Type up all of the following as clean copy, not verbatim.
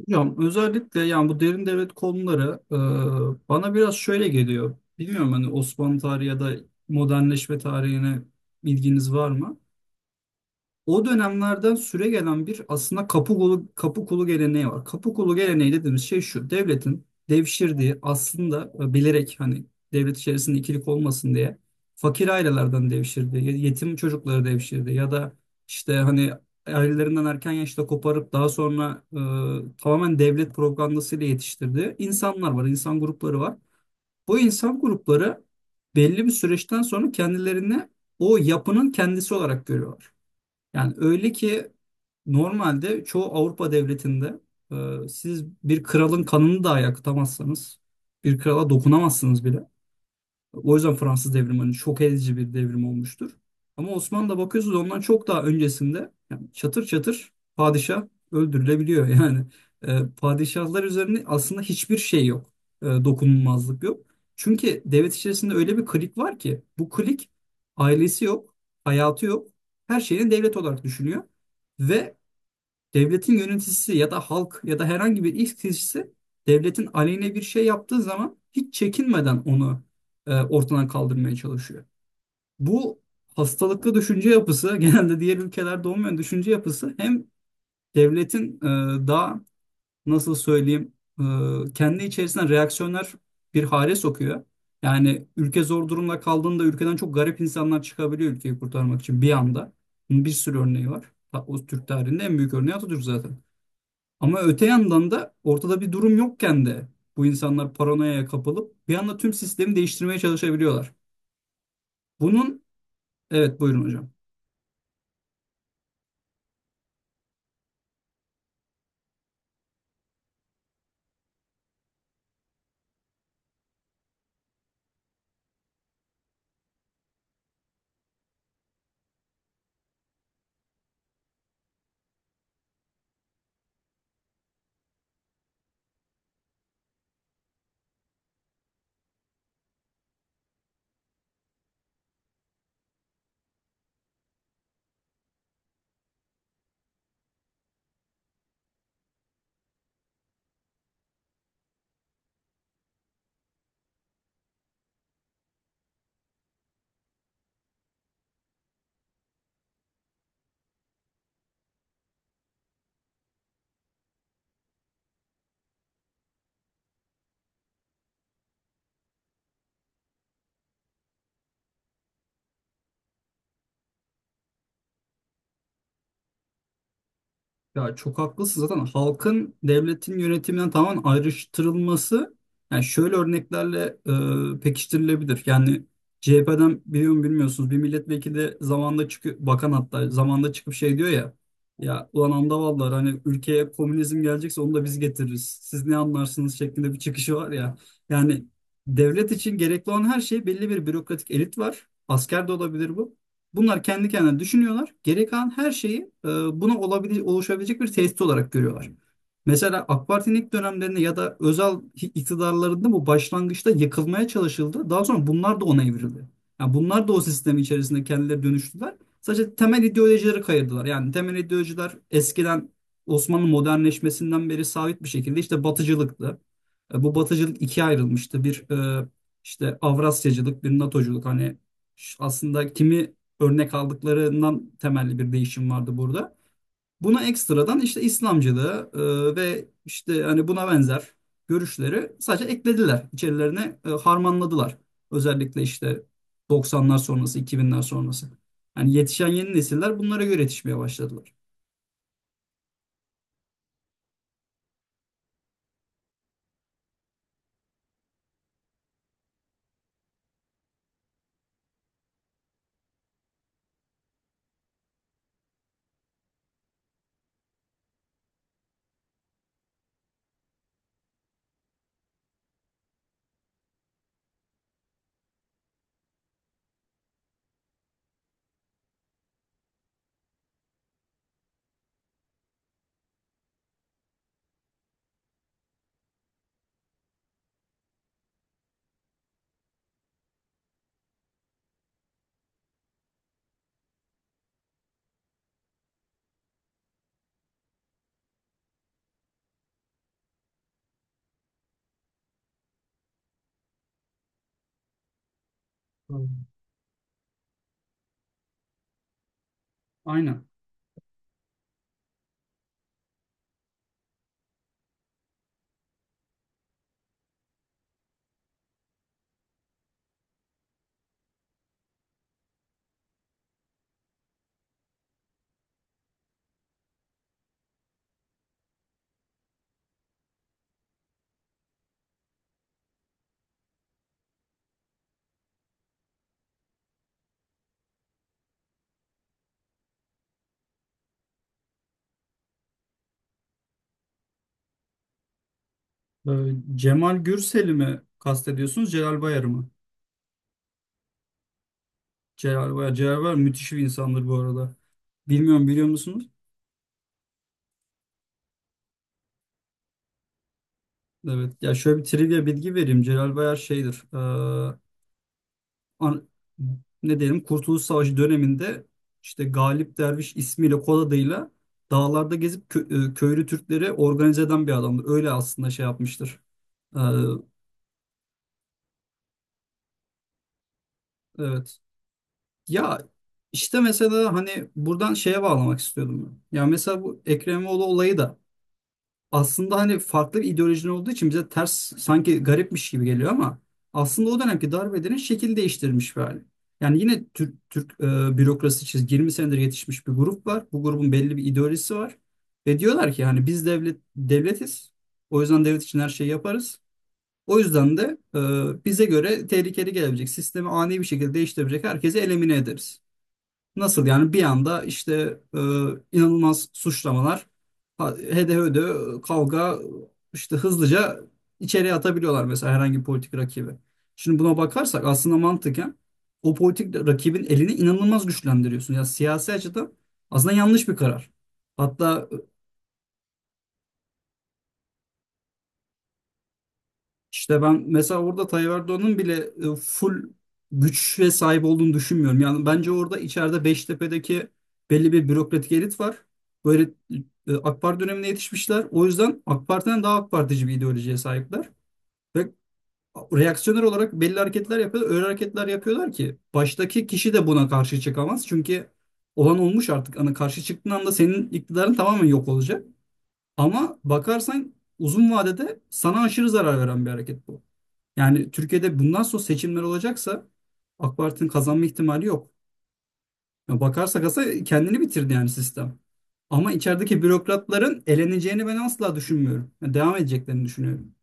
Hocam özellikle yani bu derin devlet konuları bana biraz şöyle geliyor. Bilmiyorum hani Osmanlı tarihi ya da modernleşme tarihine bilginiz var mı? O dönemlerden süre gelen bir aslında kapı kulu geleneği var. Kapı kulu geleneği dediğimiz şey şu. Devletin devşirdiği aslında bilerek hani devlet içerisinde ikilik olmasın diye fakir ailelerden devşirdiği, yetim çocukları devşirdiği ya da işte hani ailelerinden erken yaşta koparıp daha sonra tamamen devlet propagandasıyla yetiştirdiği insanlar var, insan grupları var. Bu insan grupları belli bir süreçten sonra kendilerini o yapının kendisi olarak görüyorlar. Yani öyle ki normalde çoğu Avrupa devletinde siz bir kralın kanını dahi akıtamazsanız, bir krala dokunamazsınız bile. O yüzden Fransız devrimi hani şok edici bir devrim olmuştur. Ama Osmanlı'da bakıyorsunuz ondan çok daha öncesinde yani çatır çatır padişah öldürülebiliyor. Yani padişahlar üzerinde aslında hiçbir şey yok. Dokunulmazlık yok. Çünkü devlet içerisinde öyle bir klik var ki bu klik ailesi yok, hayatı yok. Her şeyini devlet olarak düşünüyor. Ve devletin yöneticisi ya da halk ya da herhangi bir ilk kişisi devletin aleyhine bir şey yaptığı zaman hiç çekinmeden onu ortadan kaldırmaya çalışıyor. Bu hastalıklı düşünce yapısı genelde diğer ülkelerde olmayan düşünce yapısı hem devletin daha nasıl söyleyeyim kendi içerisinden reaksiyonlar bir hale sokuyor. Yani ülke zor durumda kaldığında ülkeden çok garip insanlar çıkabiliyor ülkeyi kurtarmak için bir anda. Bunun bir sürü örneği var. O Türk tarihinde en büyük örneği Atatürk zaten. Ama öte yandan da ortada bir durum yokken de bu insanlar paranoyaya kapılıp bir anda tüm sistemi değiştirmeye çalışabiliyorlar. Bunun evet buyurun hocam. Ya çok haklısın zaten halkın devletin yönetiminden tamamen ayrıştırılması yani şöyle örneklerle pekiştirilebilir. Yani CHP'den biliyor mu bilmiyorsunuz bir milletvekili de zamanında çıkıyor bakan hatta zamanında çıkıp şey diyor ya ya ulan andavallar hani ülkeye komünizm gelecekse onu da biz getiririz. Siz ne anlarsınız şeklinde bir çıkışı var ya. Yani devlet için gerekli olan her şey belli bir bürokratik elit var. Asker de olabilir bu. Bunlar kendi kendine düşünüyorlar. Geri kalan her şeyi buna oluşabilecek bir tehdit olarak görüyorlar. Mesela AK Parti'nin ilk dönemlerinde ya da özel iktidarlarında bu başlangıçta yıkılmaya çalışıldı. Daha sonra bunlar da ona evrildi. Yani bunlar da o sistemin içerisinde kendileri dönüştüler. Sadece temel ideolojileri kayırdılar. Yani temel ideolojiler eskiden Osmanlı modernleşmesinden beri sabit bir şekilde işte batıcılıktı. E, bu batıcılık ikiye ayrılmıştı. Bir e, işte Avrasyacılık, bir NATOculuk. Hani aslında kimi örnek aldıklarından temelli bir değişim vardı burada. Buna ekstradan işte İslamcılığı ve işte hani buna benzer görüşleri sadece eklediler. İçerilerine harmanladılar. Özellikle işte 90'lar sonrası, 2000'ler sonrası. Yani yetişen yeni nesiller bunlara göre yetişmeye başladılar. Hmm. Aynen. Ee, Cemal Gürsel'i mi kastediyorsunuz, Celal Bayar'ı mı? Celal Bayar, Celal Bayar müthiş bir insandır bu arada. Bilmiyorum biliyor musunuz? Evet. Ya şöyle bir trivia bilgi vereyim. Celal Bayar şeydir. An- ne diyelim Kurtuluş Savaşı döneminde işte Galip Derviş ismiyle kod adıyla dağlarda gezip köylü Türkleri organize eden bir adamdır. Öyle aslında şey yapmıştır. E, evet. Ya işte mesela hani buradan şeye bağlamak istiyordum ben. Ya mesela bu Ekrem İmamoğlu olayı da aslında hani farklı bir ideolojinin olduğu için bize ters sanki garipmiş gibi geliyor ama aslında o dönemki darbedenin şekil değiştirmiş bir hali. Yani yine Türk bürokrasi çizgi 20 senedir yetişmiş bir grup var. Bu grubun belli bir ideolojisi var. Ve diyorlar ki hani biz devlet devletiz. O yüzden devlet için her şeyi yaparız. O yüzden de bize göre tehlikeli gelebilecek, sistemi ani bir şekilde değiştirebilecek herkesi elimine ederiz. Nasıl yani bir anda işte e, inanılmaz suçlamalar, hede hede kavga işte hızlıca içeriye atabiliyorlar mesela herhangi bir politik rakibi. Şimdi buna bakarsak aslında mantıken o politik rakibin elini inanılmaz güçlendiriyorsun. Ya siyasi açıdan aslında yanlış bir karar. Hatta İşte ben mesela orada Tayyip Erdoğan'ın bile full güç ve sahip olduğunu düşünmüyorum. Yani bence orada içeride Beştepe'deki belli bir bürokratik elit var. Böyle AK Parti dönemine yetişmişler. O yüzden AK Parti'den daha AK Partici bir ideolojiye sahipler. Ve reaksiyoner olarak belli hareketler yapıyorlar. Öyle hareketler yapıyorlar ki baştaki kişi de buna karşı çıkamaz. Çünkü olan olmuş artık. Hani karşı çıktığın anda senin iktidarın tamamen yok olacak. Ama bakarsan uzun vadede sana aşırı zarar veren bir hareket bu. Yani Türkiye'de bundan sonra seçimler olacaksa AK Parti'nin kazanma ihtimali yok. Ya bakarsak aslında kendini bitirdi yani sistem. Ama içerideki bürokratların eleneceğini ben asla düşünmüyorum. Yani devam edeceklerini düşünüyorum.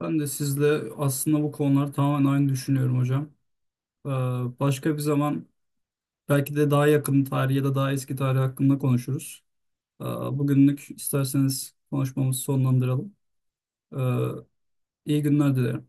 Ben de sizle aslında bu konular tamamen aynı düşünüyorum hocam. Ee, başka bir zaman belki de daha yakın tarih ya da daha eski tarih hakkında konuşuruz. Bugünlük isterseniz konuşmamızı sonlandıralım. Ee, iyi günler dilerim.